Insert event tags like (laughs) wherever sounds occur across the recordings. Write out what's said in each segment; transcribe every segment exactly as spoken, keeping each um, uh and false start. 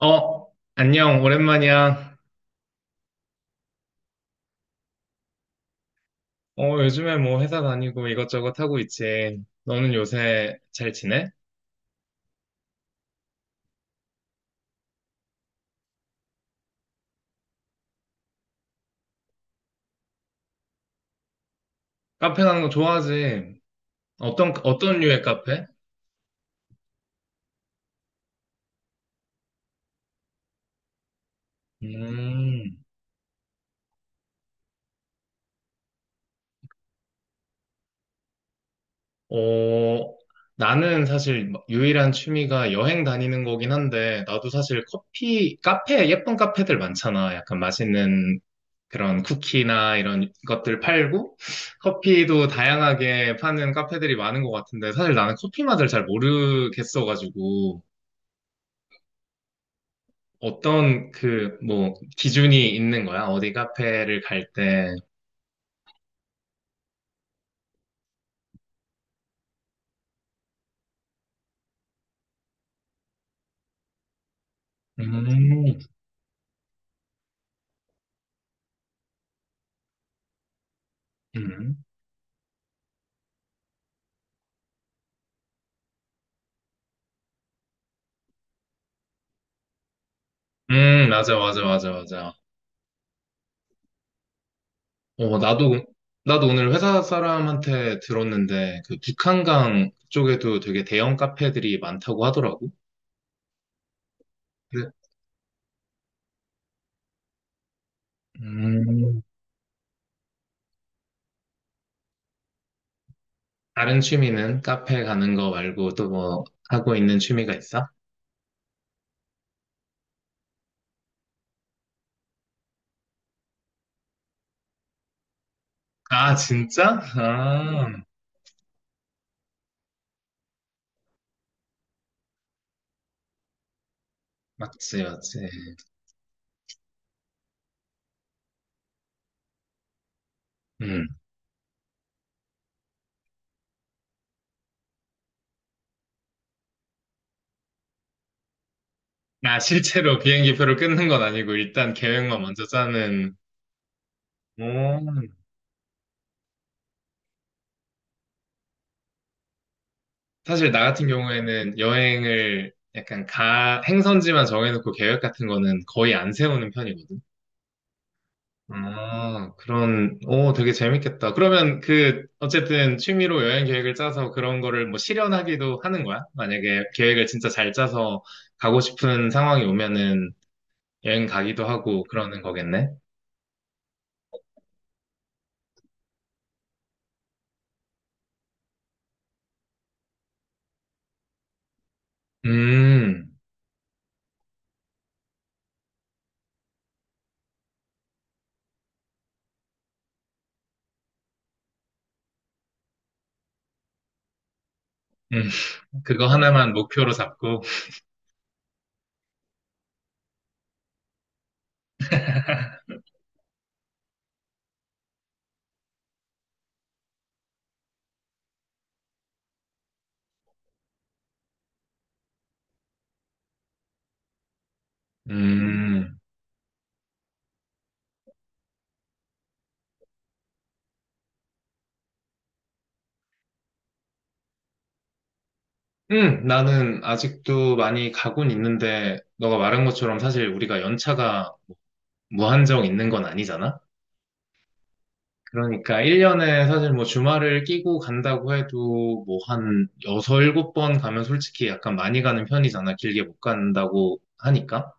어, 안녕, 오랜만이야. 어, 요즘에 뭐 회사 다니고 이것저것 하고 있지. 너는 요새 잘 지내? 카페 가는 거 좋아하지? 어떤, 어떤 류의 카페? 음, 어, 나는 사실 유일한 취미가 여행 다니는 거긴 한데, 나도 사실 커피, 카페, 예쁜 카페들 많잖아. 약간 맛있는 그런 쿠키나 이런 것들 팔고 커피도 다양하게 파는 카페들이 많은 것 같은데 사실 나는 커피 맛을 잘 모르겠어가지고 어떤 그 뭐 기준이 있는 거야? 어디 카페를 갈 때. 음, 음, 음, 맞아, 맞아, 맞아, 맞아. 어, 나도, 나도 오늘 회사 사람한테 들었는데 그 북한강 쪽에도 되게 대형 카페들이 많다고 하더라고. 그래. 음. 다른 취미는 카페 가는 거 말고 또 뭐 하고 있는 취미가 있어? 아, 진짜? 아, 음. 맞지, 맞지. 음. 아, 실제로 비행기 표를 끊는 건 아니고 일단 계획만 먼저 짜는. 오. 사실 나 같은 경우에는 여행을 약간 가, 행선지만 정해놓고 계획 같은 거는 거의 안 세우는 편이거든. 아, 그런, 오, 되게 재밌겠다. 그러면 그, 어쨌든 취미로 여행 계획을 짜서 그런 거를 뭐 실현하기도 하는 거야? 만약에 계획을 진짜 잘 짜서 가고 싶은 상황이 오면은 여행 가기도 하고 그러는 거겠네? 음, 음, 그거 하나만 목표로 잡고. 음, 음, 나는 아직도 많이 가곤 있는데, 너가 말한 것처럼 사실 우리가 연차가 무한정 있는 건 아니잖아? 그러니까 일 년에 사실 뭐 주말을 끼고 간다고 해도 뭐 한 여섯, 일곱 번 가면 솔직히 약간 많이 가는 편이잖아. 길게 못 간다고 하니까.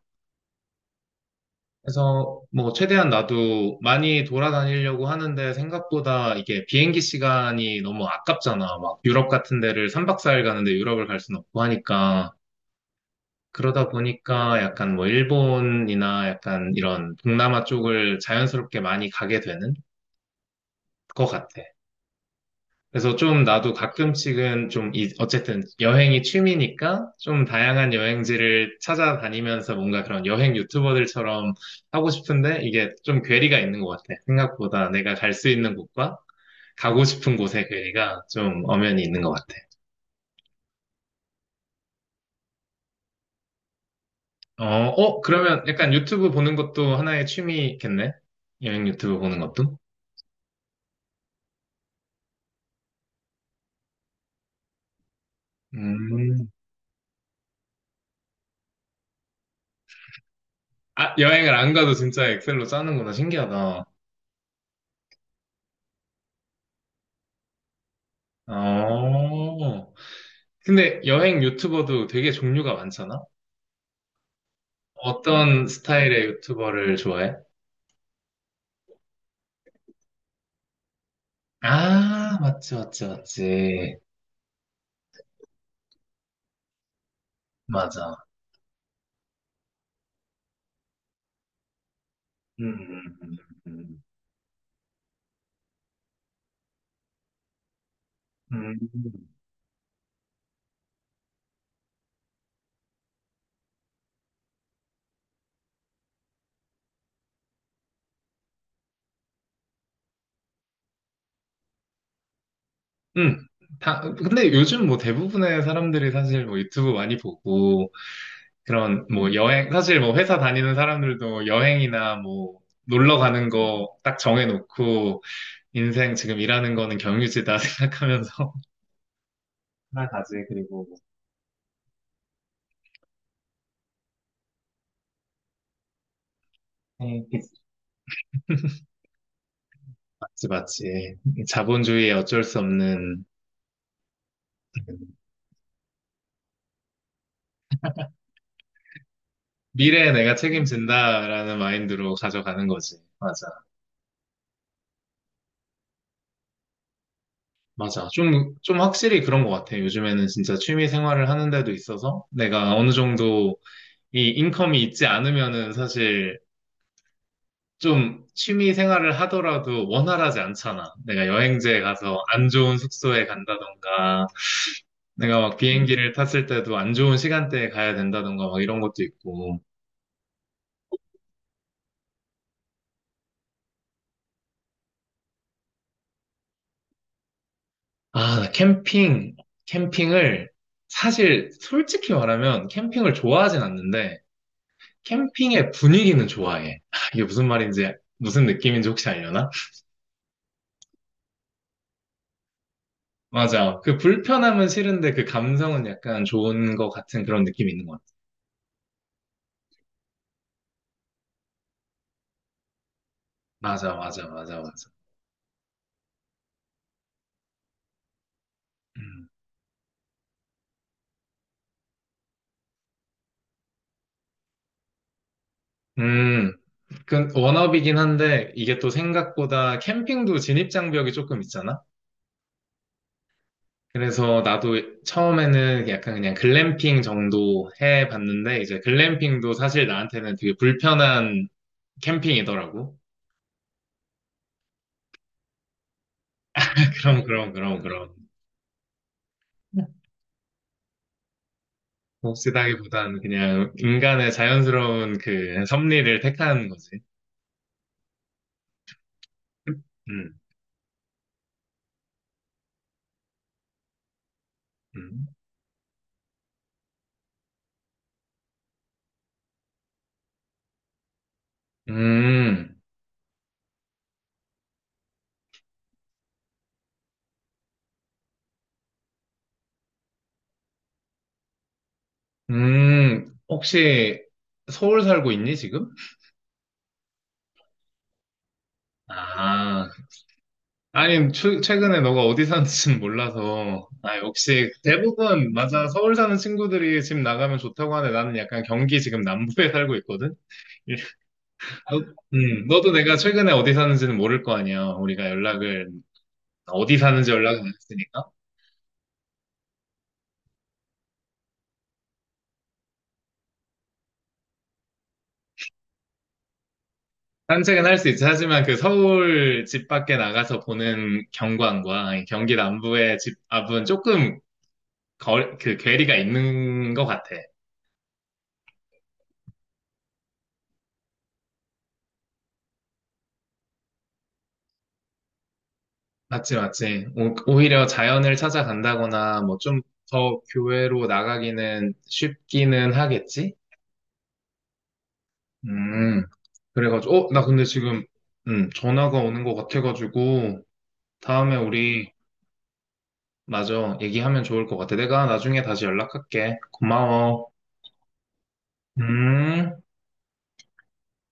그래서 뭐 최대한 나도 많이 돌아다니려고 하는데 생각보다 이게 비행기 시간이 너무 아깝잖아. 막 유럽 같은 데를 삼 박 사 일 가는데 유럽을 갈 순 없고 하니까. 그러다 보니까 약간 뭐 일본이나 약간 이런 동남아 쪽을 자연스럽게 많이 가게 되는 것 같아. 그래서 좀 나도 가끔씩은 좀, 이- 어쨌든 여행이 취미니까 좀 다양한 여행지를 찾아다니면서 뭔가 그런 여행 유튜버들처럼 하고 싶은데 이게 좀 괴리가 있는 것 같아. 생각보다 내가 갈 수 있는 곳과 가고 싶은 곳의 괴리가 좀 엄연히 있는 것 같아. 어, 어, 그러면 약간 유튜브 보는 것도 하나의 취미겠네? 여행 유튜브 보는 것도? 음. 아, 여행을 안 가도 진짜 엑셀로 짜는구나. 신기하다. 어. 근데 여행 유튜버도 되게 종류가 많잖아? 어떤 스타일의 유튜버를 좋아해? 아, 맞지, 맞지, 맞지. 맞아. 음, 음, 음. 음, 음. 음. 다, 근데 요즘 뭐 대부분의 사람들이 사실 뭐 유튜브 많이 보고, 그런 뭐 여행, 사실 뭐 회사 다니는 사람들도 여행이나 뭐 놀러 가는 거 딱 정해놓고, 인생 지금 일하는 거는 경유지다 (laughs) 생각하면서 하나 가지, 그리고. 맞지, 맞지. 자본주의의 어쩔 수 없는 미래에 내가 책임진다라는 마인드로 가져가는 거지. 맞아. 맞아. 좀, 좀 확실히 그런 것 같아. 요즘에는 진짜 취미 생활을 하는 데도 있어서 내가 어느 정도 이 인컴이 있지 않으면은 사실 좀 취미 생활을 하더라도 원활하지 않잖아. 내가 여행지에 가서 안 좋은 숙소에 간다던가, 내가 막 음. 비행기를 탔을 때도 안 좋은 시간대에 가야 된다던가 막 이런 것도 있고. 아, 캠핑, 캠핑을, 사실 솔직히 말하면 캠핑을 좋아하진 않는데, 캠핑의 분위기는 좋아해. (laughs) 이게 무슨 말인지, 무슨 느낌인지 혹시 알려나? 맞아. 그 불편함은 싫은데 그 감성은 약간 좋은 것 같은 그런 느낌이 있는 것 같아. 맞아, 맞아, 맞아, 맞아. 음, 음, 그 워너비긴 한데, 이게 또 생각보다 캠핑도 진입장벽이 조금 있잖아? 그래서 나도 처음에는 약간 그냥 글램핑 정도 해봤는데, 이제 글램핑도 사실 나한테는 되게 불편한 캠핑이더라고. (laughs) 그럼, 그럼, 그럼, 그럼. 몹시다기보다는 그냥 인간의 자연스러운 그 섭리를 택하는 거지. 음, 음, 음, 음. 혹시 서울 살고 있니, 지금? 아, 아니, 최- 최근에 너가 어디 사는지는 몰라서, 아, 역시 대부분, 맞아, 서울 사는 친구들이 집 나가면 좋다고 하는데 나는 약간 경기 지금 남부에 (laughs) 살고 있거든? 너, 음, 너도 내가 최근에 어디 사는지는 모를 거 아니야. 우리가 연락을, 어디 사는지 연락을 안 했으니까. 산책은 할 수 있지. 하지만 그 서울 집 밖에 나가서 보는 경관과 경기 남부의 집 앞은 조금 거, 그 괴리가 있는 것 같아. 맞지, 맞지. 오- 오히려 자연을 찾아간다거나, 뭐, 좀 더 교외로 나가기는 쉽기는 하겠지? 음, 그래가지고, 어, 나 근데 지금, 음, 전화가 오는 것 같아가지고, 다음에 우리, 맞아, 얘기하면 좋을 것 같아. 내가 나중에 다시 연락할게. 고마워. 음.